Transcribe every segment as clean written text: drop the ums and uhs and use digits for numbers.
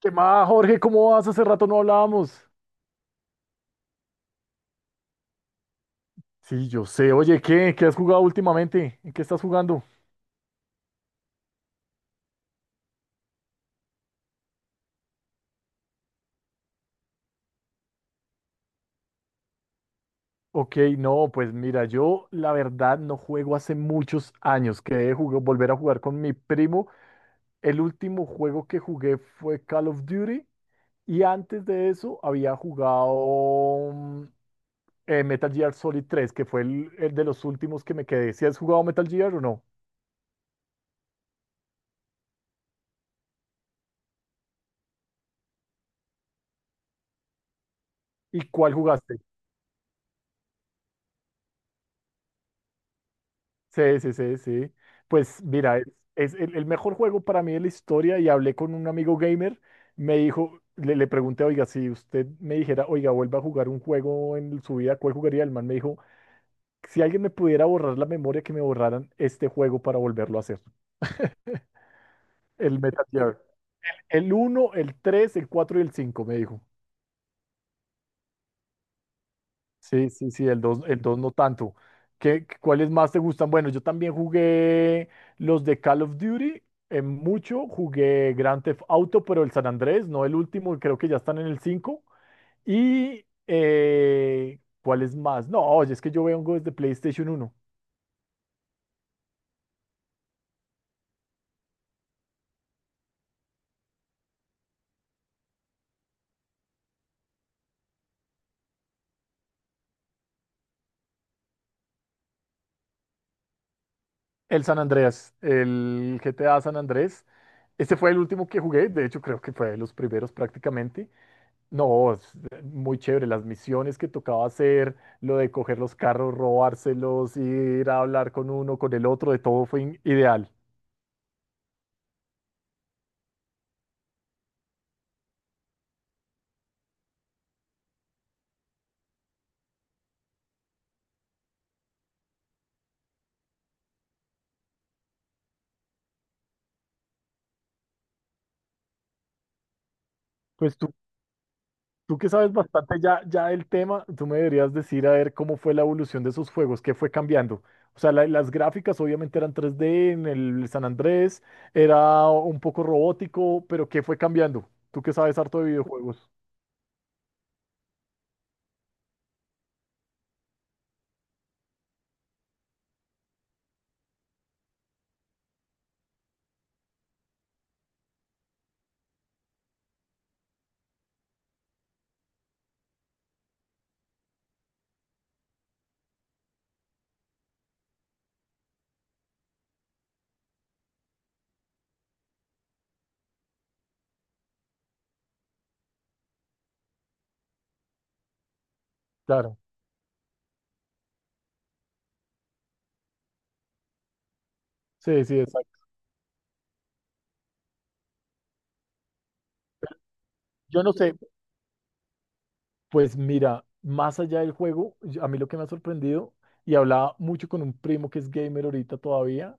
¿Qué más, Jorge? ¿Cómo vas? Hace rato no hablábamos. Sí, yo sé. Oye, ¿qué? ¿Qué has jugado últimamente? ¿En qué estás jugando? Ok, no, pues mira, yo la verdad no juego hace muchos años. Quedé de volver a jugar con mi primo. El último juego que jugué fue Call of Duty y antes de eso había jugado Metal Gear Solid tres, que fue el de los últimos que me quedé. ¿Si has jugado Metal Gear o no? ¿Y cuál jugaste? Sí, sí, sí, sí. Pues mira, es el mejor juego para mí de la historia, y hablé con un amigo gamer, me dijo, le pregunté, oiga, si usted me dijera, oiga, vuelva a jugar un juego en su vida, ¿cuál jugaría? El man me dijo, si alguien me pudiera borrar la memoria, que me borraran este juego para volverlo a hacer. El Metal Gear. El uno, el tres, el 4 y el cinco, me dijo. Sí, sí, sí, el 2 no tanto. ¿ cuáles más te gustan? Bueno, yo también jugué los de Call of Duty, en mucho jugué Grand Theft Auto, pero el San Andrés, no el último, creo que ya están en el 5. Y ¿cuáles más? No, oye, es que yo vengo desde PlayStation uno. El San Andreas, el GTA San Andrés. Este fue el último que jugué, de hecho creo que fue de los primeros prácticamente. No, es muy chévere. Las misiones que tocaba hacer, lo de coger los carros, robárselos, ir a hablar con uno, con el otro, de todo fue ideal. Pues tú que sabes bastante ya, del tema, tú me deberías decir a ver cómo fue la evolución de esos juegos, qué fue cambiando. O sea, las gráficas obviamente eran 3D en el San Andrés, era un poco robótico, pero qué fue cambiando. Tú que sabes harto de videojuegos. Claro. Sí, sí, exacto. Yo no sé, pues mira, más allá del juego, a mí lo que me ha sorprendido, y hablaba mucho con un primo que es gamer ahorita todavía,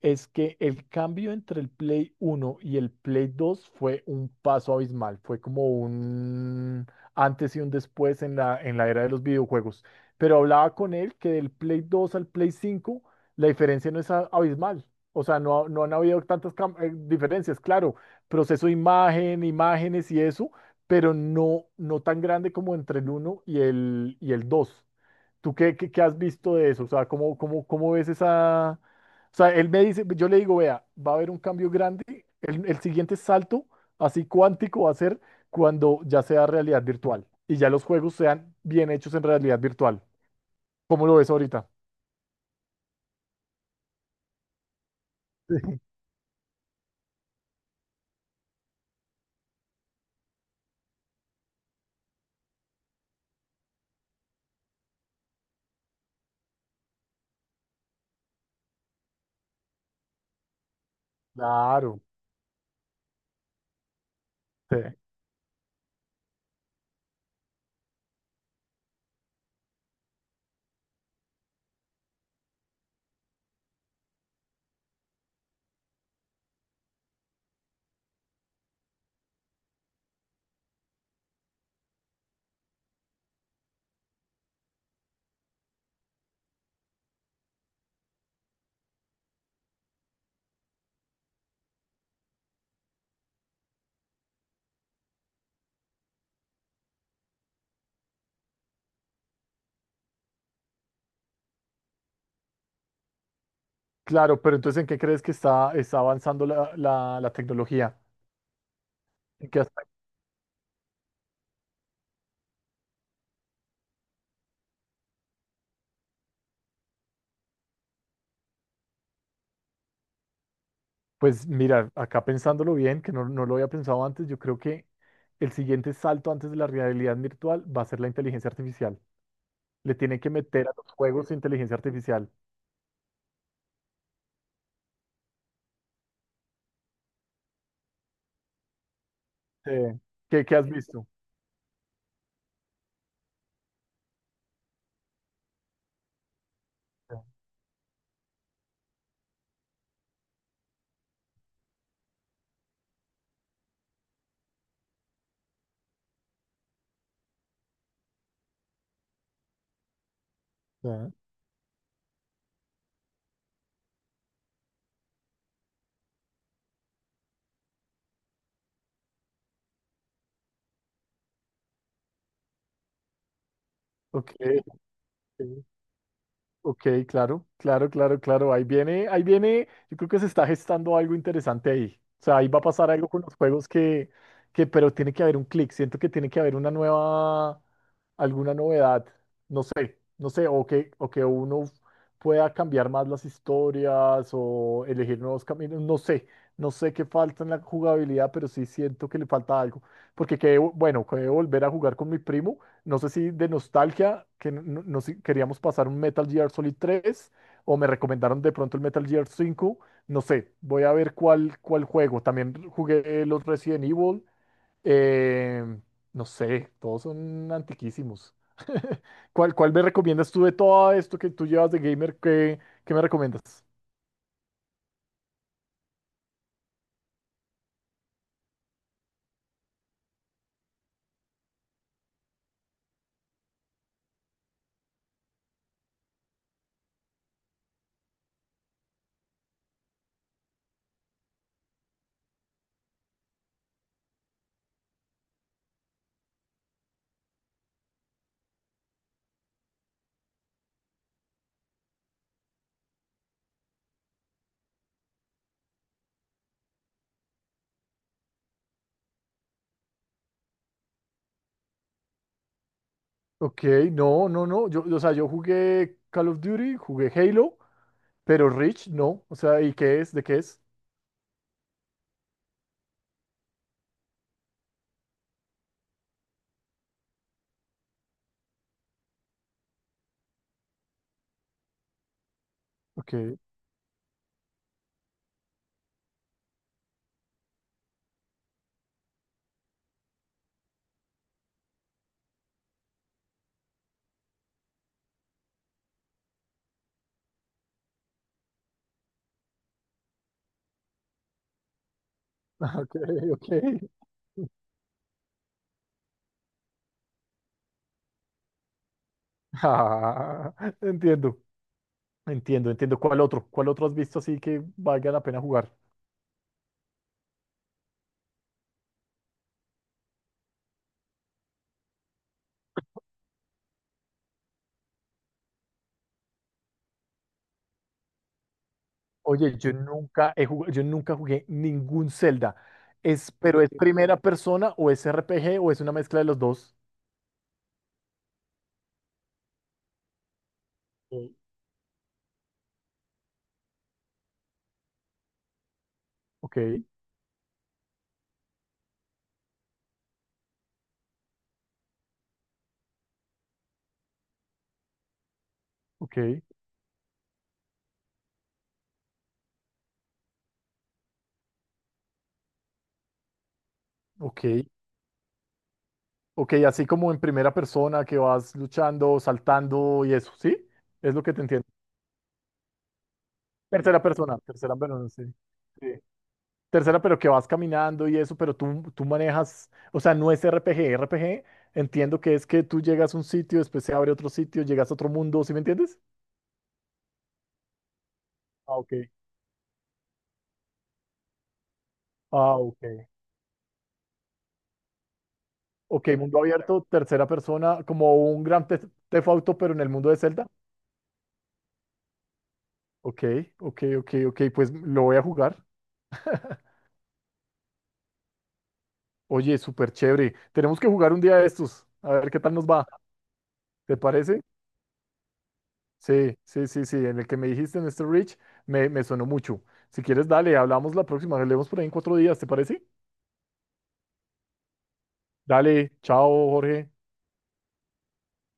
es que el cambio entre el Play 1 y el Play 2 fue un paso abismal, fue como un antes y un después en la era de los videojuegos. Pero hablaba con él que del Play 2 al Play 5 la diferencia no es abismal. O sea, no han habido tantas diferencias, claro, proceso de imagen, imágenes y eso, pero no tan grande como entre el uno y el dos. ¿Tú qué has visto de eso? O sea, ¿cómo ves esa? O sea, él me dice, yo le digo, vea, va a haber un cambio grande, el siguiente salto, así cuántico, va a ser cuando ya sea realidad virtual y ya los juegos sean bien hechos en realidad virtual. ¿Cómo lo ves ahorita? Claro, sí, claro, pero entonces, ¿en qué crees que está avanzando la tecnología? En qué. Pues mira, acá pensándolo bien, que no lo había pensado antes, yo creo que el siguiente salto antes de la realidad virtual va a ser la inteligencia artificial. Le tienen que meter a los juegos inteligencia artificial. Sí. ¿Qué has visto? Sí. Ok. Ok, claro, claro, claro, claro. Ahí viene, ahí viene. Yo creo que se está gestando algo interesante ahí. O sea, ahí va a pasar algo con los juegos que, pero tiene que haber un clic. Siento que tiene que haber una nueva, alguna novedad. No sé, no sé, o que uno pueda cambiar más las historias o elegir nuevos caminos. No sé, no sé qué falta en la jugabilidad, pero sí siento que le falta algo. Porque, bueno, que voy a volver a jugar con mi primo, no sé si de nostalgia, que no, no sé, queríamos pasar un Metal Gear Solid 3 o me recomendaron de pronto el Metal Gear 5. No sé, voy a ver cuál juego. También jugué los Resident Evil. eh, no sé, todos son antiquísimos. ¿Cuál me recomiendas tú de todo esto que tú llevas de gamer? ¿Qué me recomiendas? Ok, no, no, no. Yo, o sea, yo jugué Call of Duty, jugué Halo, pero Reach no. O sea, ¿y qué es? ¿De qué es? Ok, ok, ok. Ah, entiendo, entiendo, entiendo. ¿Cuál otro? ¿Cuál otro has visto así que valga la pena jugar? Oye, yo nunca he jugado, yo nunca jugué ningún Zelda. Pero ¿es primera persona o es RPG o es una mezcla de los dos? Ok. Ok, ok, ok, ok, así como en primera persona que vas luchando, saltando y eso, ¿sí? Es lo que te entiendo. Tercera persona, sí. Sí. Tercera, pero que vas caminando y eso, pero tú manejas, o sea, no es RPG. RPG, entiendo que es que tú llegas a un sitio, después se abre otro sitio, llegas a otro mundo, ¿sí me entiendes? Ah, ok. Ah, ok. Ok, mundo abierto, tercera persona, como un gran Theft Auto, pero en el mundo de Zelda. Ok, ok, ok, ok, pues lo voy a jugar. Oye, súper chévere. Tenemos que jugar un día de estos, a ver qué tal nos va. ¿Te parece? Sí, sí, sí, sí. En el que me dijiste en este Rich me sonó mucho. Si quieres, dale, hablamos la próxima. Nos vemos por ahí en cuatro días, ¿te parece? Dale, chao, Jorge.